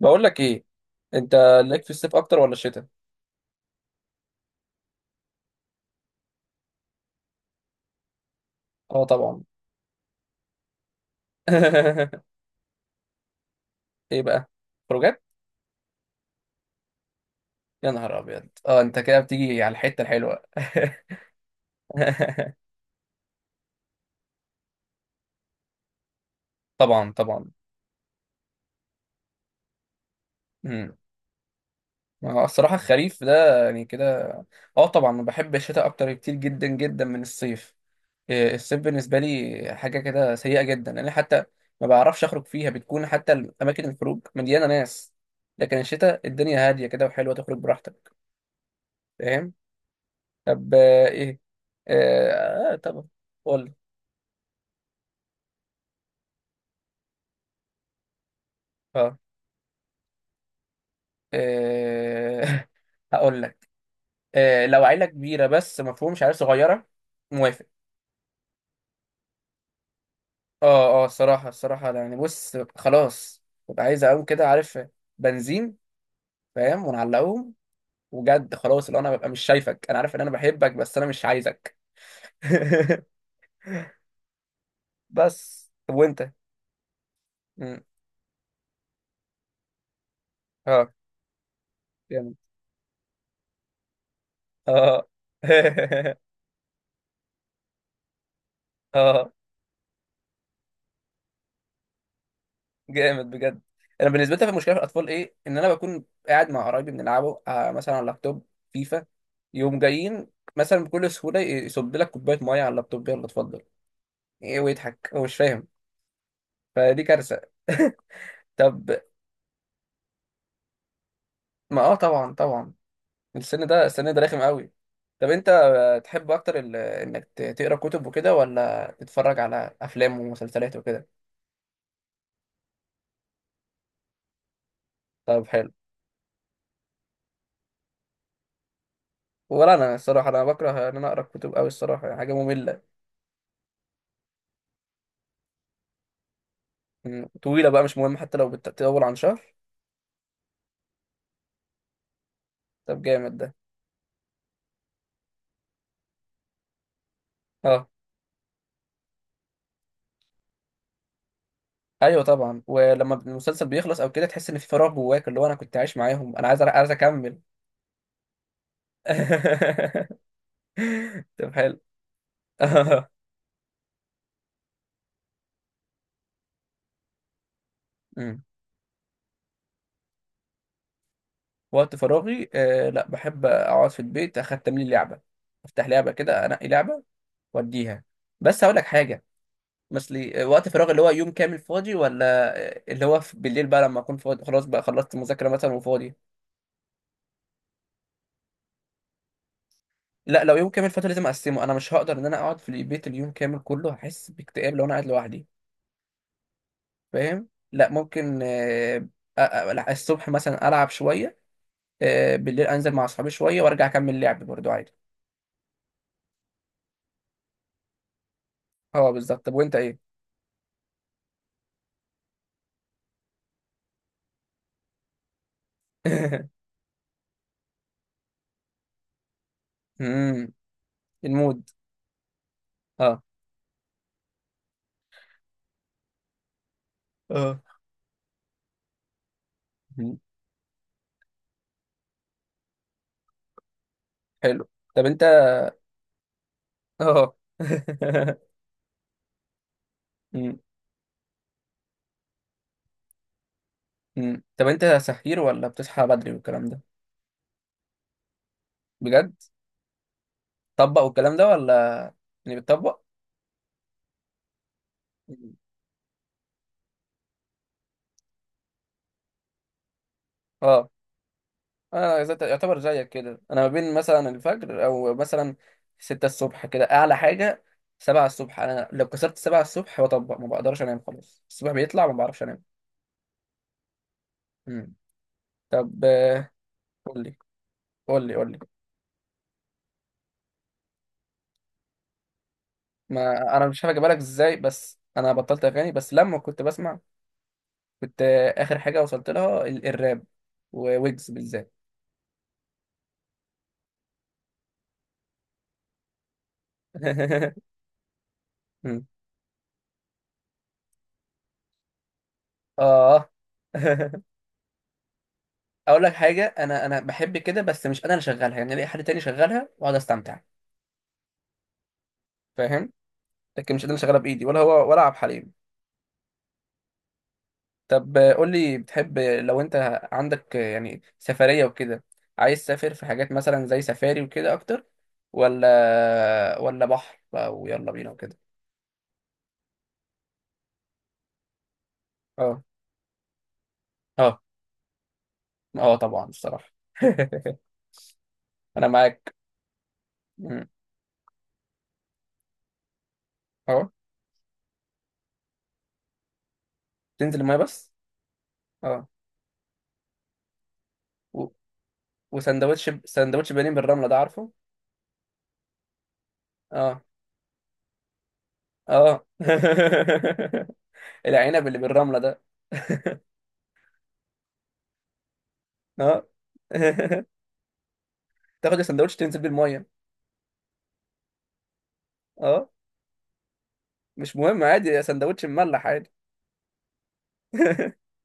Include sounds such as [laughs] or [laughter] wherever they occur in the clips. بقول لك ايه؟ انت ليك في الصيف اكتر ولا الشتاء؟ اه طبعا. [laughs] ايه بقى؟ خروجات. يا نهار ابيض، اه انت كده بتيجي على الحته الحلوه. [laughs] طبعا طبعا. امم ما هو الصراحه الخريف ده يعني كده. اه طبعا بحب الشتاء اكتر كتير جدا جدا من الصيف. الصيف بالنسبه لي حاجه كده سيئه جدا. انا حتى ما بعرفش اخرج فيها، بتكون حتى اماكن الخروج مليانه ناس. لكن الشتاء الدنيا هاديه كده وحلوه، تخرج براحتك. فاهم. طب ايه؟ اه طبعا. قول لي. اه آه، [laughs] هقول لك. آه، لو عيلة كبيرة، بس مفهومش عيلة صغيرة. موافق. اه اه الصراحة أنا يعني بص، خلاص ببقى عايز اقوم كده، عارف. بنزين، فاهم، ونعلقهم. وجد خلاص، اللي انا ببقى مش شايفك، انا عارف ان انا بحبك بس انا مش عايزك. [laughs] بس طب وانت؟ مم. اه جامد. اه [laughs] اه جامد بجد. انا بالنسبه لي المشكله في الاطفال ايه؟ ان انا بكون قاعد مع قرايبي بنلعبه مثلا على اللابتوب، فيفا، يوم جايين مثلا بكل سهوله يصب لك كوبايه ميه على اللابتوب، يلا اتفضل. ايه ويضحك هو مش فاهم، فدي كارثه. [laughs] طب. ما اه طبعا طبعا. السن ده رخم قوي. طب انت تحب اكتر انك تقرا كتب وكده ولا تتفرج على افلام ومسلسلات وكده؟ طب حلو. ولا انا الصراحه انا بكره ان انا اقرا كتب قوي الصراحه، يعني حاجه ممله. مم. طويلة بقى مش مهم، حتى لو بتطول عن شهر. طب جامد ده. اه ايوه طبعا. ولما المسلسل بيخلص او كده تحس ان في فراغ جواك، اللي هو انا كنت عايش معاهم، انا عايز عايز اكمل. [laughs] طب حلو. [laughs] مم. وقت فراغي لا، بحب اقعد في البيت، اختم لي لعبة، افتح لعبة كده، انقي لعبة، واديها. بس هقول لك حاجة. مثلي وقت فراغ اللي هو يوم كامل فاضي ولا اللي هو بالليل بقى، لما اكون فاضي خلاص بقى، خلصت مذاكرة مثلا وفاضي. لا لو يوم كامل فاتو لازم اقسمه، انا مش هقدر ان انا اقعد في البيت اليوم كامل كله، هحس باكتئاب لو انا قاعد لوحدي. فاهم. لا ممكن أ- الصبح مثلا العب شويه، بالليل انزل مع اصحابي شويه وارجع اكمل لعب برضو عادي. اه بالظبط. طب وانت ايه؟ [laughs] امم المود. اه اه. مم. حلو. طب انت. اه [laughs] مم. مم. طب انت سحير ولا بتصحى بدري والكلام ده؟ بجد. طبق والكلام ده ولا؟ يعني بتطبق؟ مم. اه انا يعتبر زيك كده، انا ما بين مثلا الفجر او مثلا ستة الصبح كده اعلى حاجه. سبعة الصبح، انا لو كسرت سبعة الصبح بطبق، ما بقدرش انام خلاص، الصبح بيطلع ما بعرفش انام. مم. طب قول لي. قول لي قول لي. ما انا مش عارف اجيبها لك ازاي، بس انا بطلت اغاني. بس لما كنت بسمع، كنت اخر حاجه وصلت لها الراب، وويجز بالذات. [laughs] مم. اه [laughs] اقول لك حاجه، انا بحب كده، بس مش انا اللي شغالها، يعني الاقي حد تاني شغالها واقعد استمتع. فاهم. لكن مش انا اللي شغاله بايدي، ولا هو ولا عبد الحليم. طب قول لي، بتحب لو انت عندك يعني سفريه وكده، عايز تسافر في حاجات مثلا زي سفاري وكده اكتر، ولا ولا بحر بقى ويلا بينا وكده؟ اه اه. اه طبعا الصراحه. [laughs] انا معاك. مم. اه تنزل الميه بس. اه و... وسندوتش سندوتش بانيه بالرمله ده، عارفه؟ اه اه. [laughs] العنب اللي بالرمله ده. [laughs] اه [laughs] تاخد السندوتش تنزل بالميه. اه مش مهم، عادي، سندوتش مملح عادي. [laughs]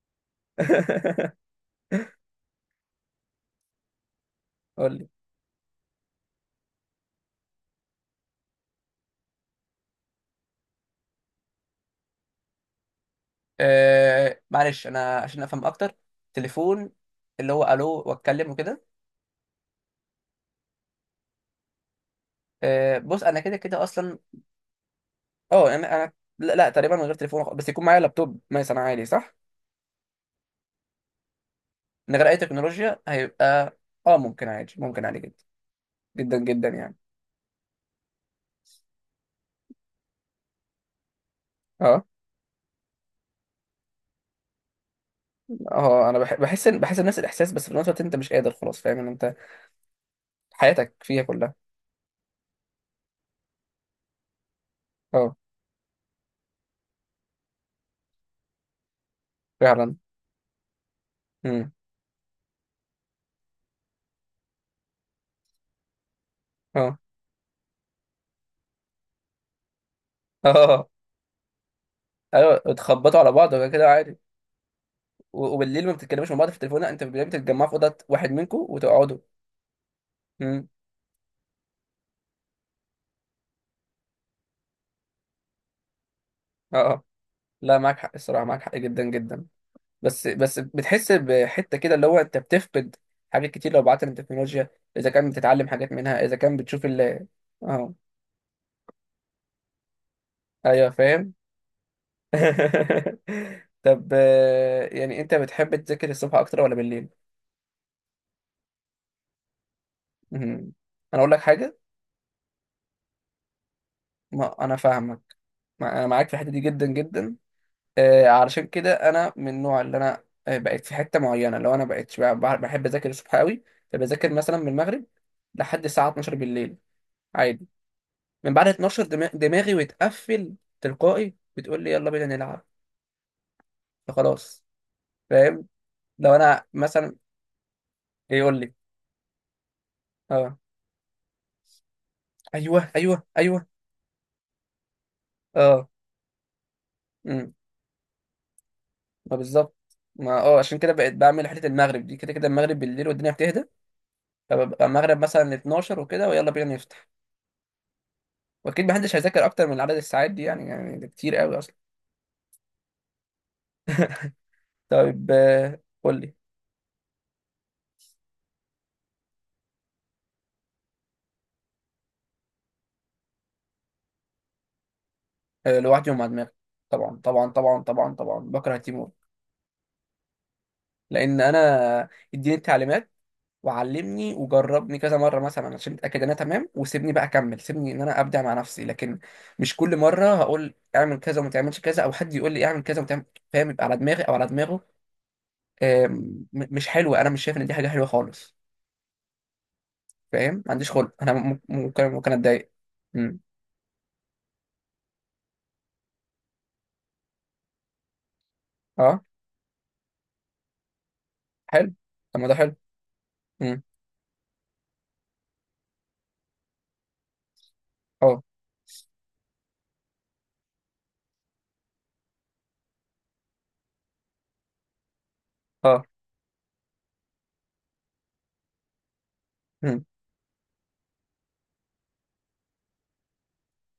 قول لي. معلش انا عشان افهم اكتر، تليفون اللي هو الو واتكلم وكده؟ آه بص، انا كده كده اصلا. اه انا لا، لا، تقريبا من غير تليفون بس يكون معايا لابتوب مثلا عادي، صح؟ من غير اي تكنولوجيا هيبقى. اه ممكن عادي، ممكن عادي جدا، جدا جدا يعني. اه اه انا بحس بحس نفس الاحساس، بس في نفس الوقت انت مش قادر خلاص، فاهم، ان انت حياتك فيها كلها. اه فعلا. امم. اه [laughs] اه. ايوه اتخبطوا على بعض وكده كده عادي. و- وبالليل ما بتتكلموش مع بعض في التليفون، لا، انت بالليل بتتجمعوا في اوضه واحد منكم وتقعدوا. امم. اه اه. لا معاك حق الصراحه، معاك حق جدا جدا. بس بتحس بحته كده، اللي هو انت بتفقد حاجات كتير لو بعدت عن التكنولوجيا، اذا كان بتتعلم حاجات منها، اذا كان بتشوف ال... اه ايوه فاهم. [laughs] طب يعني انت بتحب تذاكر الصبح اكتر ولا بالليل؟ مم. انا اقول لك حاجه. ما انا فاهمك. انا معاك في الحته دي جدا جدا. علشان كده انا من النوع اللي انا بقيت في حته معينه، لو انا بقيت بحب اذاكر الصبح قوي. فبذاكر مثلا من المغرب لحد الساعه 12 بالليل، عادي. من بعد 12 دماغي بتقفل تلقائي، بتقول لي يلا بينا نلعب. فخلاص. فاهم. لو انا مثلا يقول لي. اه ايوه ايوه ايوه. اه. امم. ما بالظبط. ما اه، عشان كده بقيت بعمل حته المغرب دي، كده كده المغرب بالليل والدنيا بتهدى، فببقى المغرب مثلا 12 وكده، ويلا بينا نفتح. واكيد محدش هيذاكر اكتر من عدد الساعات دي، يعني يعني ده كتير قوي اصلا. طيب قول لي. لوحدي ومع دماغي. طبعا طبعا طبعا طبعا طبعا، بكره تيمور. لان انا اديني التعليمات، وعلمني وجربني كذا مره مثلا عشان اتاكد ان انا تمام، وسيبني بقى اكمل، سيبني ان انا ابدع مع نفسي. لكن مش كل مره هقول اعمل كذا وما تعملش كذا، او حد يقول لي اعمل كذا وما تعمل، فاهم. يبقى على دماغي او على دماغه. مش حلوه، انا مش شايف ان دي حاجه حلوه خالص. فاهم. ما عنديش خلق، انا ممكن ممكن ممكن اتضايق. مم. اه حلو. طب ما ده حلو. امم. اه اه. امم.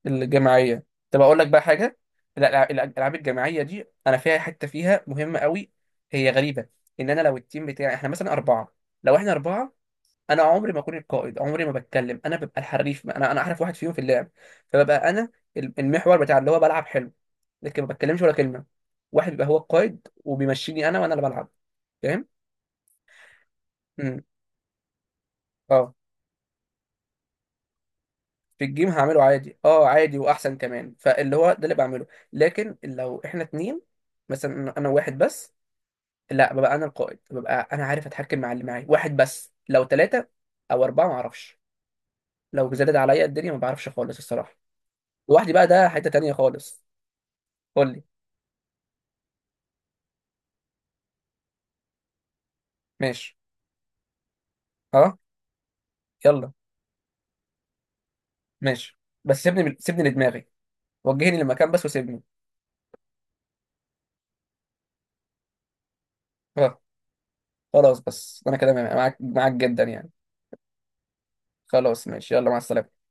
الجماعيه. طب اقول لك بقى حاجه. لا الالعاب الجماعيه دي انا فيها حته فيها مهمه قوي، هي غريبه. ان انا لو التيم بتاعي احنا مثلا اربعه، لو احنا اربعه، انا عمري ما اكون القائد، عمري ما بتكلم، انا ببقى الحريف، انا احرف واحد فيهم في اللعب، فببقى انا المحور بتاع اللي هو بلعب حلو، لكن ما بتكلمش ولا كلمه. واحد بيبقى هو القائد وبيمشيني انا وانا اللي بلعب. فاهم. امم. اه. في الجيم هعمله عادي، اه عادي واحسن كمان، فاللي هو ده اللي بعمله. لكن لو احنا اتنين، مثلا انا واحد بس، لا ببقى انا القائد، ببقى انا عارف اتحكم مع اللي معايا واحد بس، لو ثلاثة او اربعة ما اعرفش، لو زادت عليا الدنيا ما بعرفش خالص الصراحة. لوحدي بقى ده حتة تانية خالص. قول لي. ماشي. اه يلا. ماشي، بس سيبني سيبني لدماغي، وجهني للمكان بس وسيبني. اه خلاص. بس انا كده معاك معاك جدا يعني. خلاص ماشي، يلا مع السلامة.